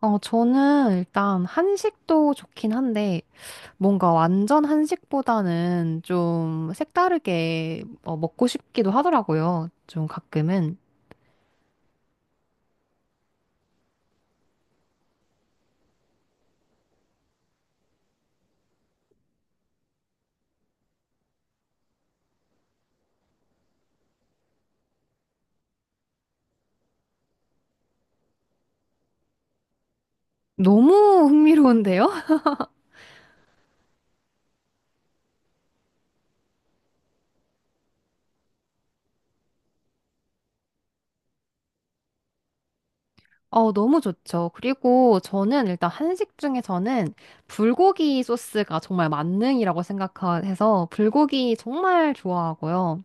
저는 일단 한식도 좋긴 한데, 뭔가 완전 한식보다는 좀 색다르게 먹고 싶기도 하더라고요. 좀 가끔은. 너무 흥미로운데요? 너무 좋죠. 그리고 저는 일단 한식 중에서는 불고기 소스가 정말 만능이라고 생각해서 불고기 정말 좋아하고요.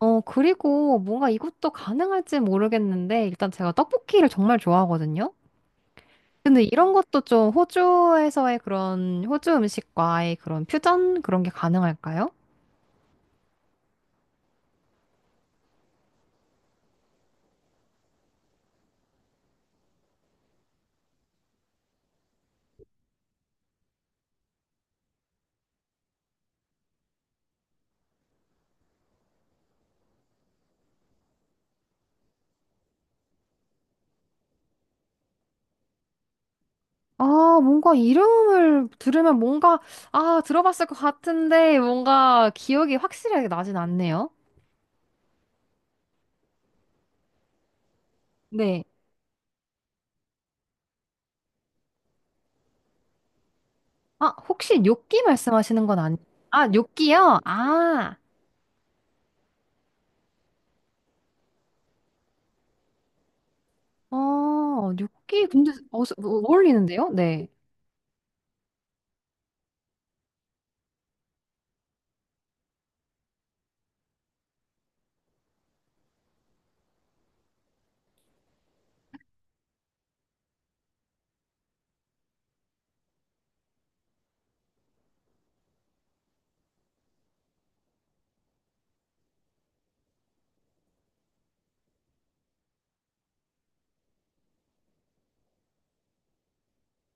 그리고 뭔가 이것도 가능할지 모르겠는데, 일단 제가 떡볶이를 정말 좋아하거든요. 근데 이런 것도 좀 호주에서의 그런 호주 음식과의 그런 퓨전 그런 게 가능할까요? 아, 뭔가 이름을 들으면 뭔가, 아, 들어봤을 것 같은데 뭔가 기억이 확실하게 나진 않네요. 네. 아, 혹시 요끼 말씀하시는 건 아니, 아, 요끼요? 아, 요끼 근데 어울리는데요? 네.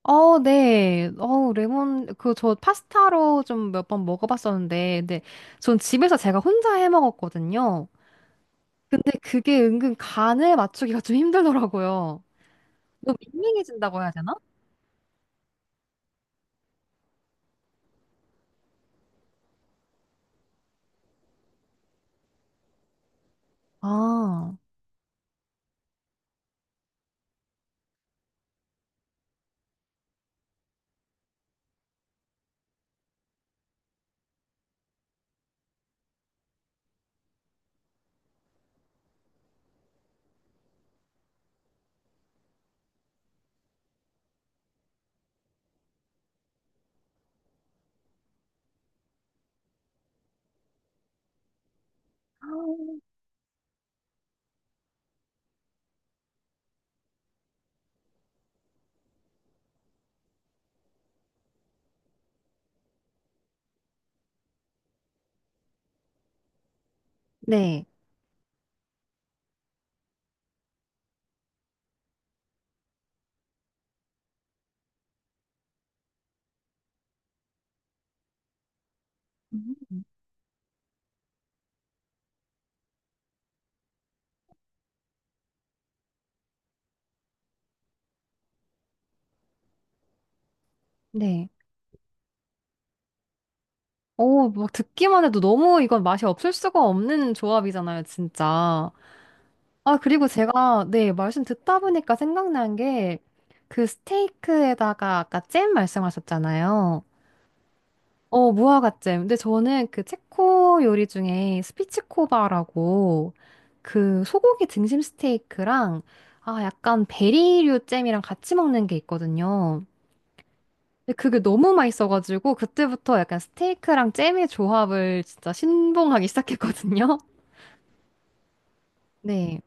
어, 네. 어, 레몬, 그, 저 파스타로 좀 몇 번 먹어봤었는데, 근데 전 집에서 제가 혼자 해 먹었거든요. 근데 그게 은근 간에 맞추기가 좀 힘들더라고요. 너무 밍밍해진다고 해야 되나? 아, 네. 음. 네. 오, 막 듣기만 해도 너무 이건 맛이 없을 수가 없는 조합이잖아요, 진짜. 아, 그리고 제가, 네, 말씀 듣다 보니까 생각난 게 그 스테이크에다가 아까 잼 말씀하셨잖아요. 무화과잼. 근데 저는 그 체코 요리 중에 스피치코바라고 그 소고기 등심 스테이크랑 아, 약간 베리류 잼이랑 같이 먹는 게 있거든요. 근데 그게 너무 맛있어가지고 그때부터 약간 스테이크랑 잼의 조합을 진짜 신봉하기 시작했거든요. 네.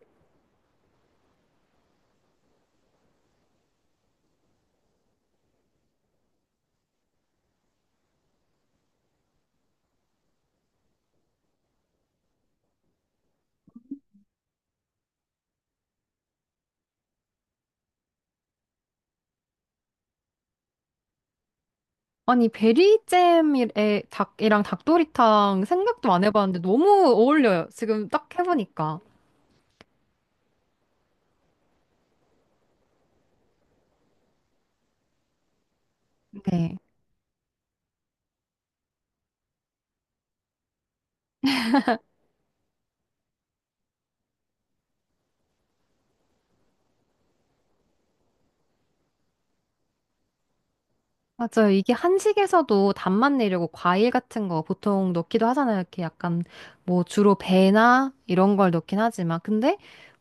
아니, 베리잼에 닭이랑 닭도리탕 생각도 안 해봤는데 너무 어울려요. 지금 딱 해보니까. 네. 맞아요. 이게 한식에서도 단맛 내려고 과일 같은 거 보통 넣기도 하잖아요. 이렇게 약간 뭐 주로 배나 이런 걸 넣긴 하지만. 근데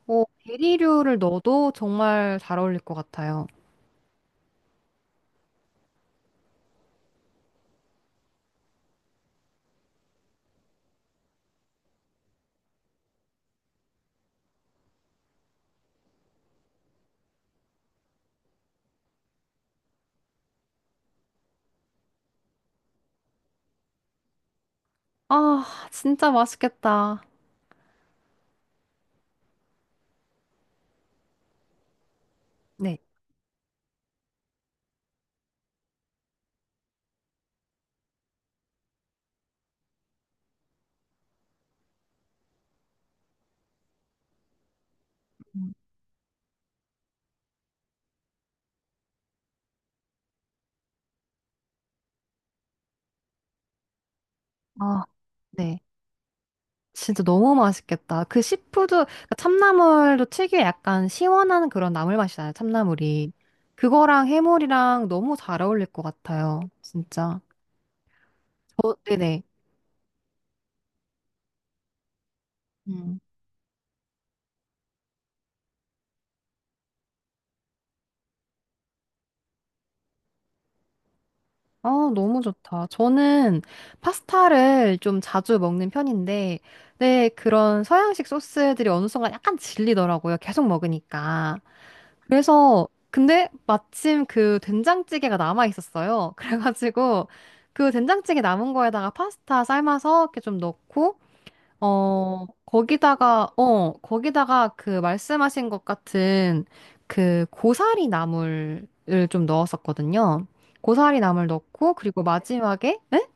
뭐 베리류를 넣어도 정말 잘 어울릴 것 같아요. 아, 진짜 맛있겠다. 네. 음, 아, 네. 진짜 너무 맛있겠다. 그 시푸드, 그러니까 참나물도 특유의 약간 시원한 그런 나물 맛이잖아요. 참나물이. 그거랑 해물이랑 너무 잘 어울릴 것 같아요. 진짜. 어, 네네. 음. 아, 너무 좋다. 저는 파스타를 좀 자주 먹는 편인데, 네, 그런 서양식 소스들이 어느 순간 약간 질리더라고요. 계속 먹으니까. 그래서, 근데 마침 그 된장찌개가 남아 있었어요. 그래가지고, 그 된장찌개 남은 거에다가 파스타 삶아서 이렇게 좀 넣고, 거기다가 그 말씀하신 것 같은 그 고사리 나물을 좀 넣었었거든요. 고사리 나물 넣고, 그리고 마지막에, 네?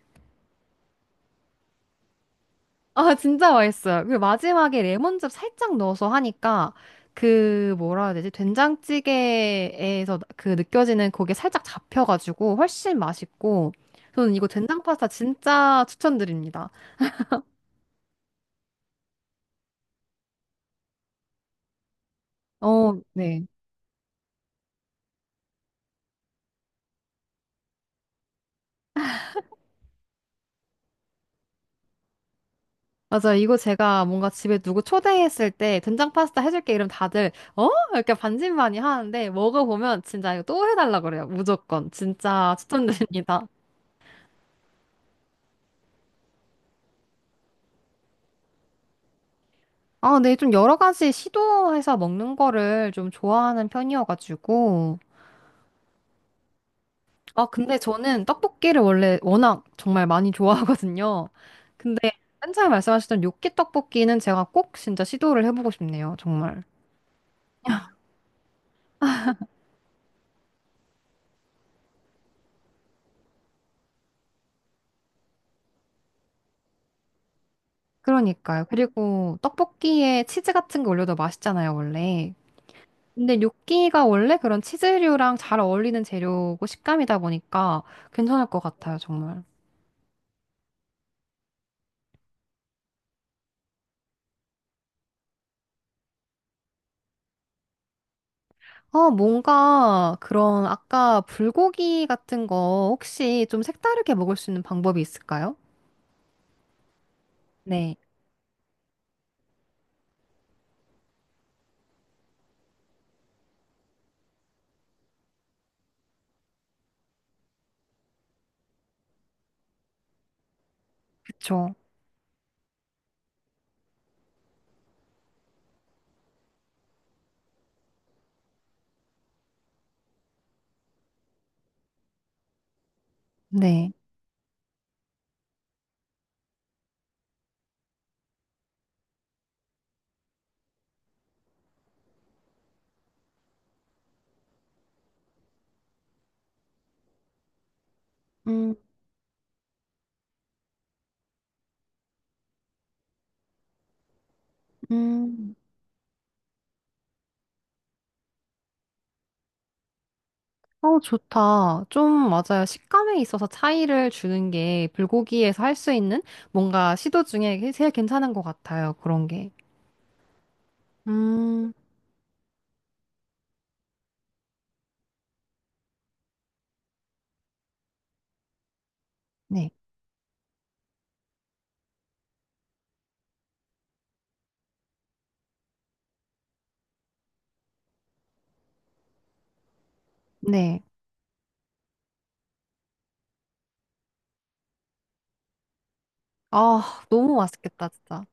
아, 진짜 맛있어요. 그리고 마지막에 레몬즙 살짝 넣어서 하니까 그 뭐라 해야 되지? 된장찌개에서 그 느껴지는 그게 살짝 잡혀가지고 훨씬 맛있고, 저는 이거 된장 파스타 진짜 추천드립니다. 어, 네. 맞아. 이거 제가 뭔가 집에 누구 초대했을 때 된장 파스타 해줄게 이러면 다들 어? 이렇게 반신반의 하는데 먹어보면 진짜 이거 또 해달라 그래요. 무조건. 진짜 추천드립니다. 아, 네. 좀 여러 가지 시도해서 먹는 거를 좀 좋아하는 편이어가지고. 아, 근데 저는 떡볶이를 원래 워낙 정말 많이 좋아하거든요. 근데 맨 처음에 말씀하셨던 요끼 떡볶이는 제가 꼭 진짜 시도를 해보고 싶네요. 정말. 그러니까요. 그리고 떡볶이에 치즈 같은 거 올려도 맛있잖아요, 원래. 근데 뇨끼가 원래 그런 치즈류랑 잘 어울리는 재료고 식감이다 보니까 괜찮을 것 같아요, 정말. 아, 뭔가 그런 아까 불고기 같은 거 혹시 좀 색다르게 먹을 수 있는 방법이 있을까요? 네, 그쵸. 네. 음, 음. 어, 좋다. 좀 맞아요. 식감에 있어서 차이를 주는 게 불고기에서 할 수 있는 뭔가 시도 중에 제일 괜찮은 것 같아요. 그런 게. 음, 네. 네. 아, 너무 맛있겠다, 진짜.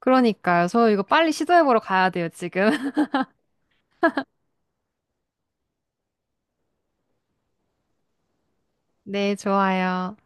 그러니까요. 저 이거 빨리 시도해보러 가야 돼요, 지금. 네, 좋아요.